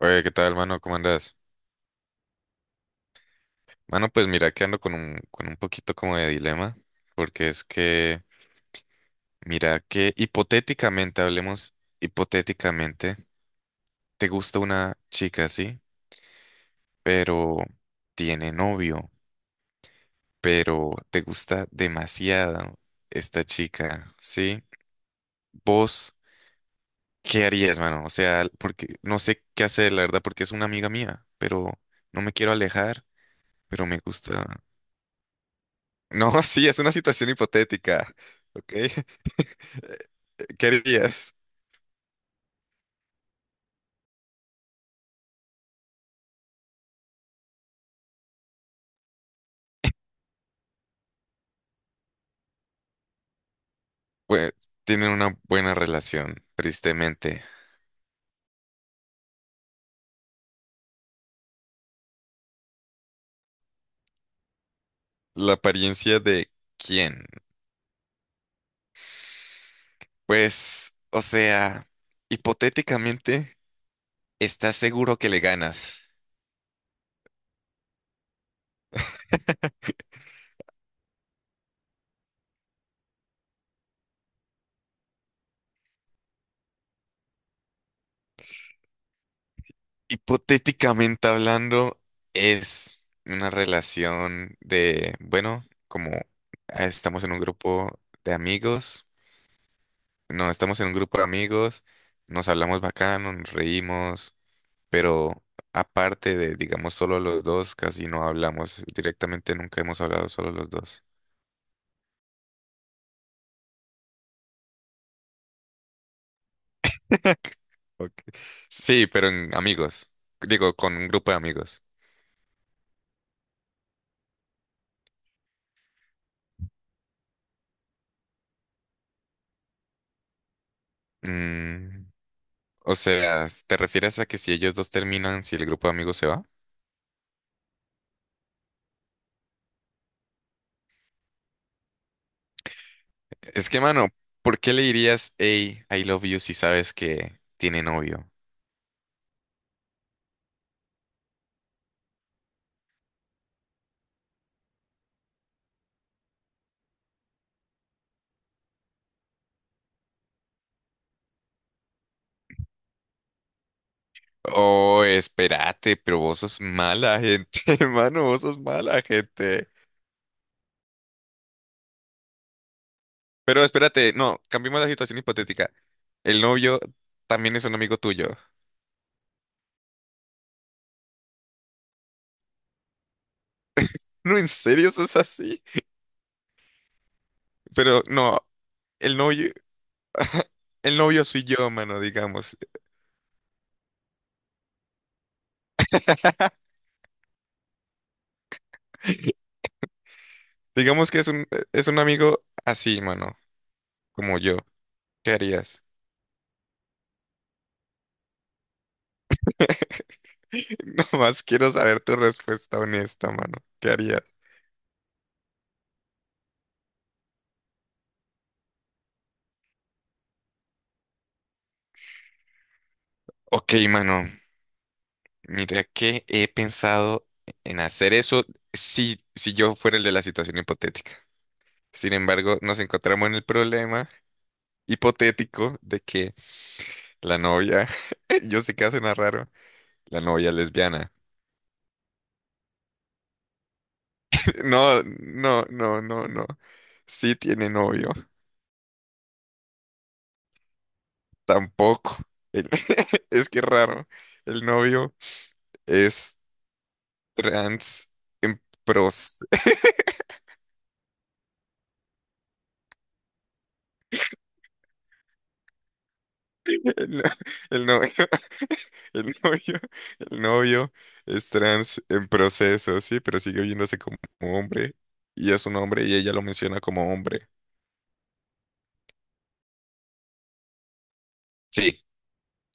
Oye, ¿qué tal, mano? ¿Cómo andas? Mano, pues mira que ando con con un poquito como de dilema, porque es que, mira que hipotéticamente, hablemos hipotéticamente, te gusta una chica, sí, pero tiene novio, pero te gusta demasiado esta chica, sí. ¿Vos qué harías, mano? O sea, porque no sé qué hacer, la verdad, porque es una amiga mía, pero no me quiero alejar, pero me gusta. No, sí, es una situación hipotética. ¿Ok? ¿Qué harías? Pues tienen una buena relación, tristemente. ¿La apariencia de quién? Pues, o sea, hipotéticamente, estás seguro que le ganas. Hipotéticamente hablando, es una relación de, bueno, como estamos en un grupo de amigos, no, estamos en un grupo de amigos, nos hablamos bacano, nos reímos, pero aparte de, digamos, solo los dos, casi no hablamos. Directamente nunca hemos hablado solo los dos. Ok. Sí, pero en amigos. Digo, con un grupo de amigos. Mm, o sea, ¿te refieres a que si ellos dos terminan, si el grupo de amigos se va? Es que, mano, ¿por qué le dirías, hey, I love you, si sabes que tiene novio? Oh, espérate, pero vos sos mala gente, mano, vos sos mala gente. Pero espérate, no, cambiemos la situación hipotética. El novio también es un amigo tuyo. No, en serio, eso es así. Pero no, el novio, el novio soy yo, mano, digamos. Digamos que es un amigo así, mano, como yo. ¿Qué harías? Nomás quiero saber tu respuesta honesta, mano. ¿Qué harías? Ok, mano. Mira que he pensado en hacer eso si yo fuera el de la situación hipotética. Sin embargo, nos encontramos en el problema hipotético de que la novia. Yo sé que suena raro. La novia lesbiana. No, no, no, no, no. Sí tiene novio. Tampoco. El- Es que es raro. El novio es trans pros. El, no- el novio, el novio, el novio es trans en proceso, sí, pero sigue viéndose como hombre. Y es un hombre y ella lo menciona como hombre. Sí.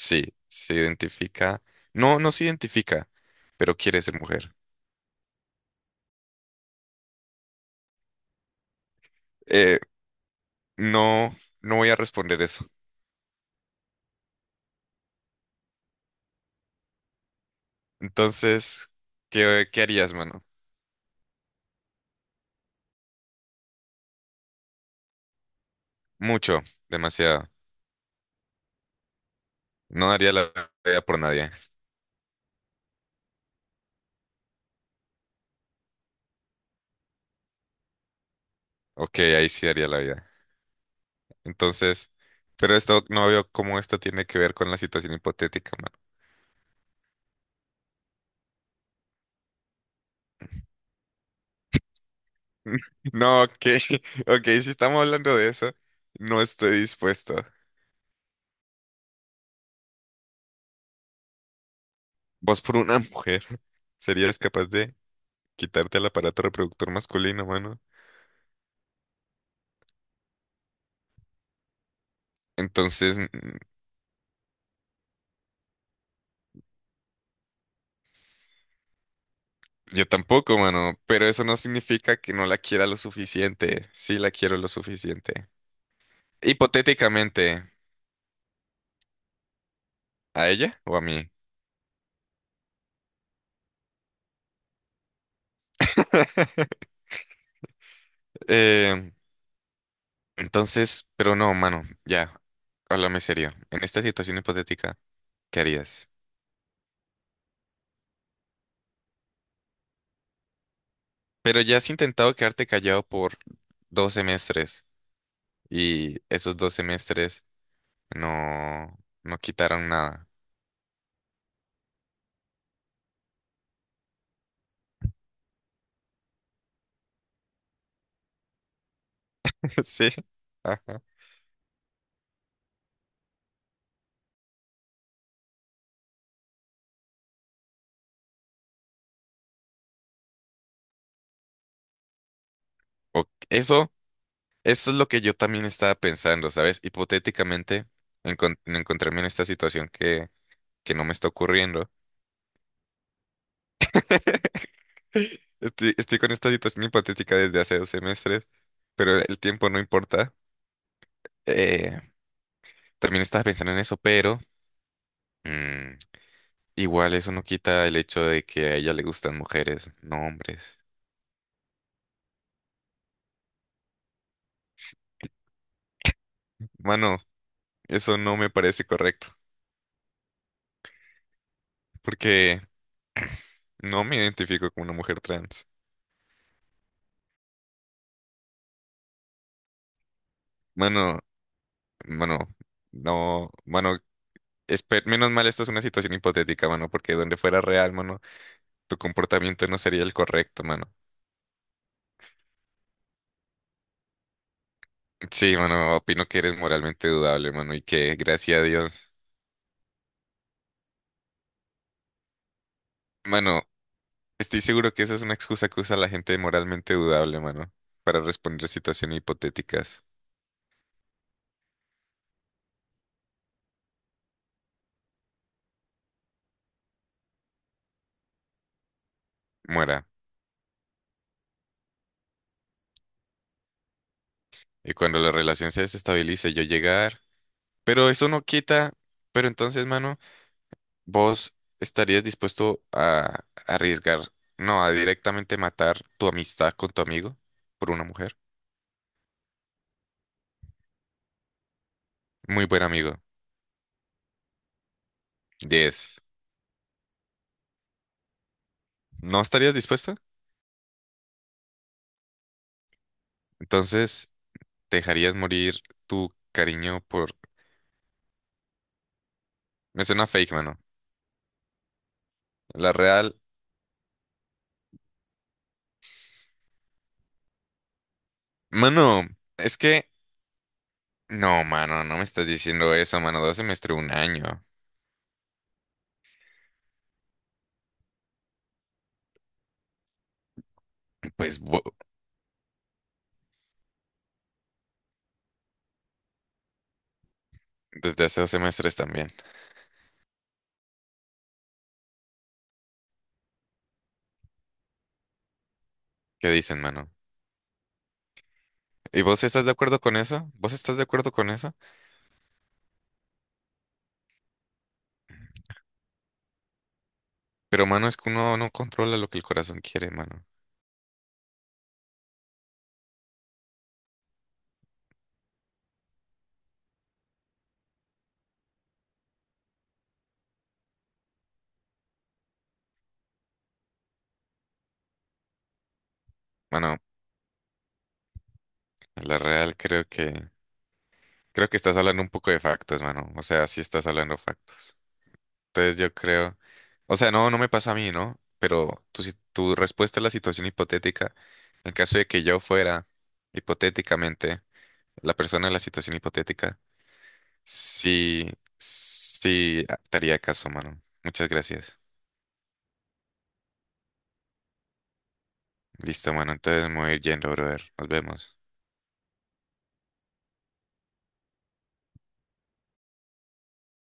Sí, se identifica. No, no se identifica, pero quiere ser mujer. Eh, no, no voy a responder eso. Entonces, ¿qué harías, mano? Mucho, demasiado. No daría la vida por nadie. Ok, ahí sí daría la vida. Entonces, pero esto no veo cómo esto tiene que ver con la situación hipotética, mano. No, ok, ok, si estamos hablando de eso, no estoy dispuesto. Vos por una mujer, ¿serías capaz de quitarte el aparato reproductor masculino, mano? Entonces, yo tampoco, mano, pero eso no significa que no la quiera lo suficiente. Sí la quiero lo suficiente. Hipotéticamente, ¿a ella o a mí? Eh, entonces, pero no, mano, ya, háblame serio. En esta situación hipotética, ¿qué harías? Pero ya has intentado quedarte callado por 2 semestres y esos 2 semestres no, no quitaron nada. Sí. Ajá. O eso. Eso es lo que yo también estaba pensando, ¿sabes? Hipotéticamente, encontrarme en esta situación que no me está ocurriendo. Estoy con esta situación hipotética desde hace 2 semestres, pero el tiempo no importa. Eh, también estaba pensando en eso, pero mm, igual eso no quita el hecho de que a ella le gustan mujeres, no hombres. Mano, eso no me parece correcto, porque no me identifico como una mujer trans. Mano, mano, no, mano, espe- menos mal, esta es una situación hipotética, mano, porque donde fuera real, mano, tu comportamiento no sería el correcto, mano. Sí, mano, opino que eres moralmente dudable, mano, y que, gracias a Dios, mano, estoy seguro que eso es una excusa que usa la gente moralmente dudable, mano, para responder situaciones hipotéticas. Muera. Y cuando la relación se desestabilice, yo llegar. Pero eso no quita, pero entonces, mano. ¿Vos estarías dispuesto a arriesgar, no, a directamente matar tu amistad con tu amigo por una mujer? Muy buen amigo. 10. ¿No estarías dispuesta? Entonces, ¿te dejarías morir tu cariño por... Me suena fake, mano. La real... Mano, es que... No, mano, no me estás diciendo eso, mano. 2 semestres, 1 año. Pues bo- desde hace dos semestres también. ¿Qué dicen, mano? ¿Y vos estás de acuerdo con eso? ¿Vos estás de acuerdo con eso? Pero, mano, es que uno no controla lo que el corazón quiere, mano. Mano, a la real creo que... Creo que estás hablando un poco de factos, mano. O sea, sí estás hablando factos. Entonces yo creo... O sea, no, no me pasa a mí, ¿no? Pero tu, si- tu respuesta a la situación hipotética, en caso de que yo fuera, hipotéticamente, la persona en la situación hipotética, sí, sí, te haría caso, mano. Muchas gracias. Listo, mano. Entonces me voy a ir yendo, brother. Nos vemos.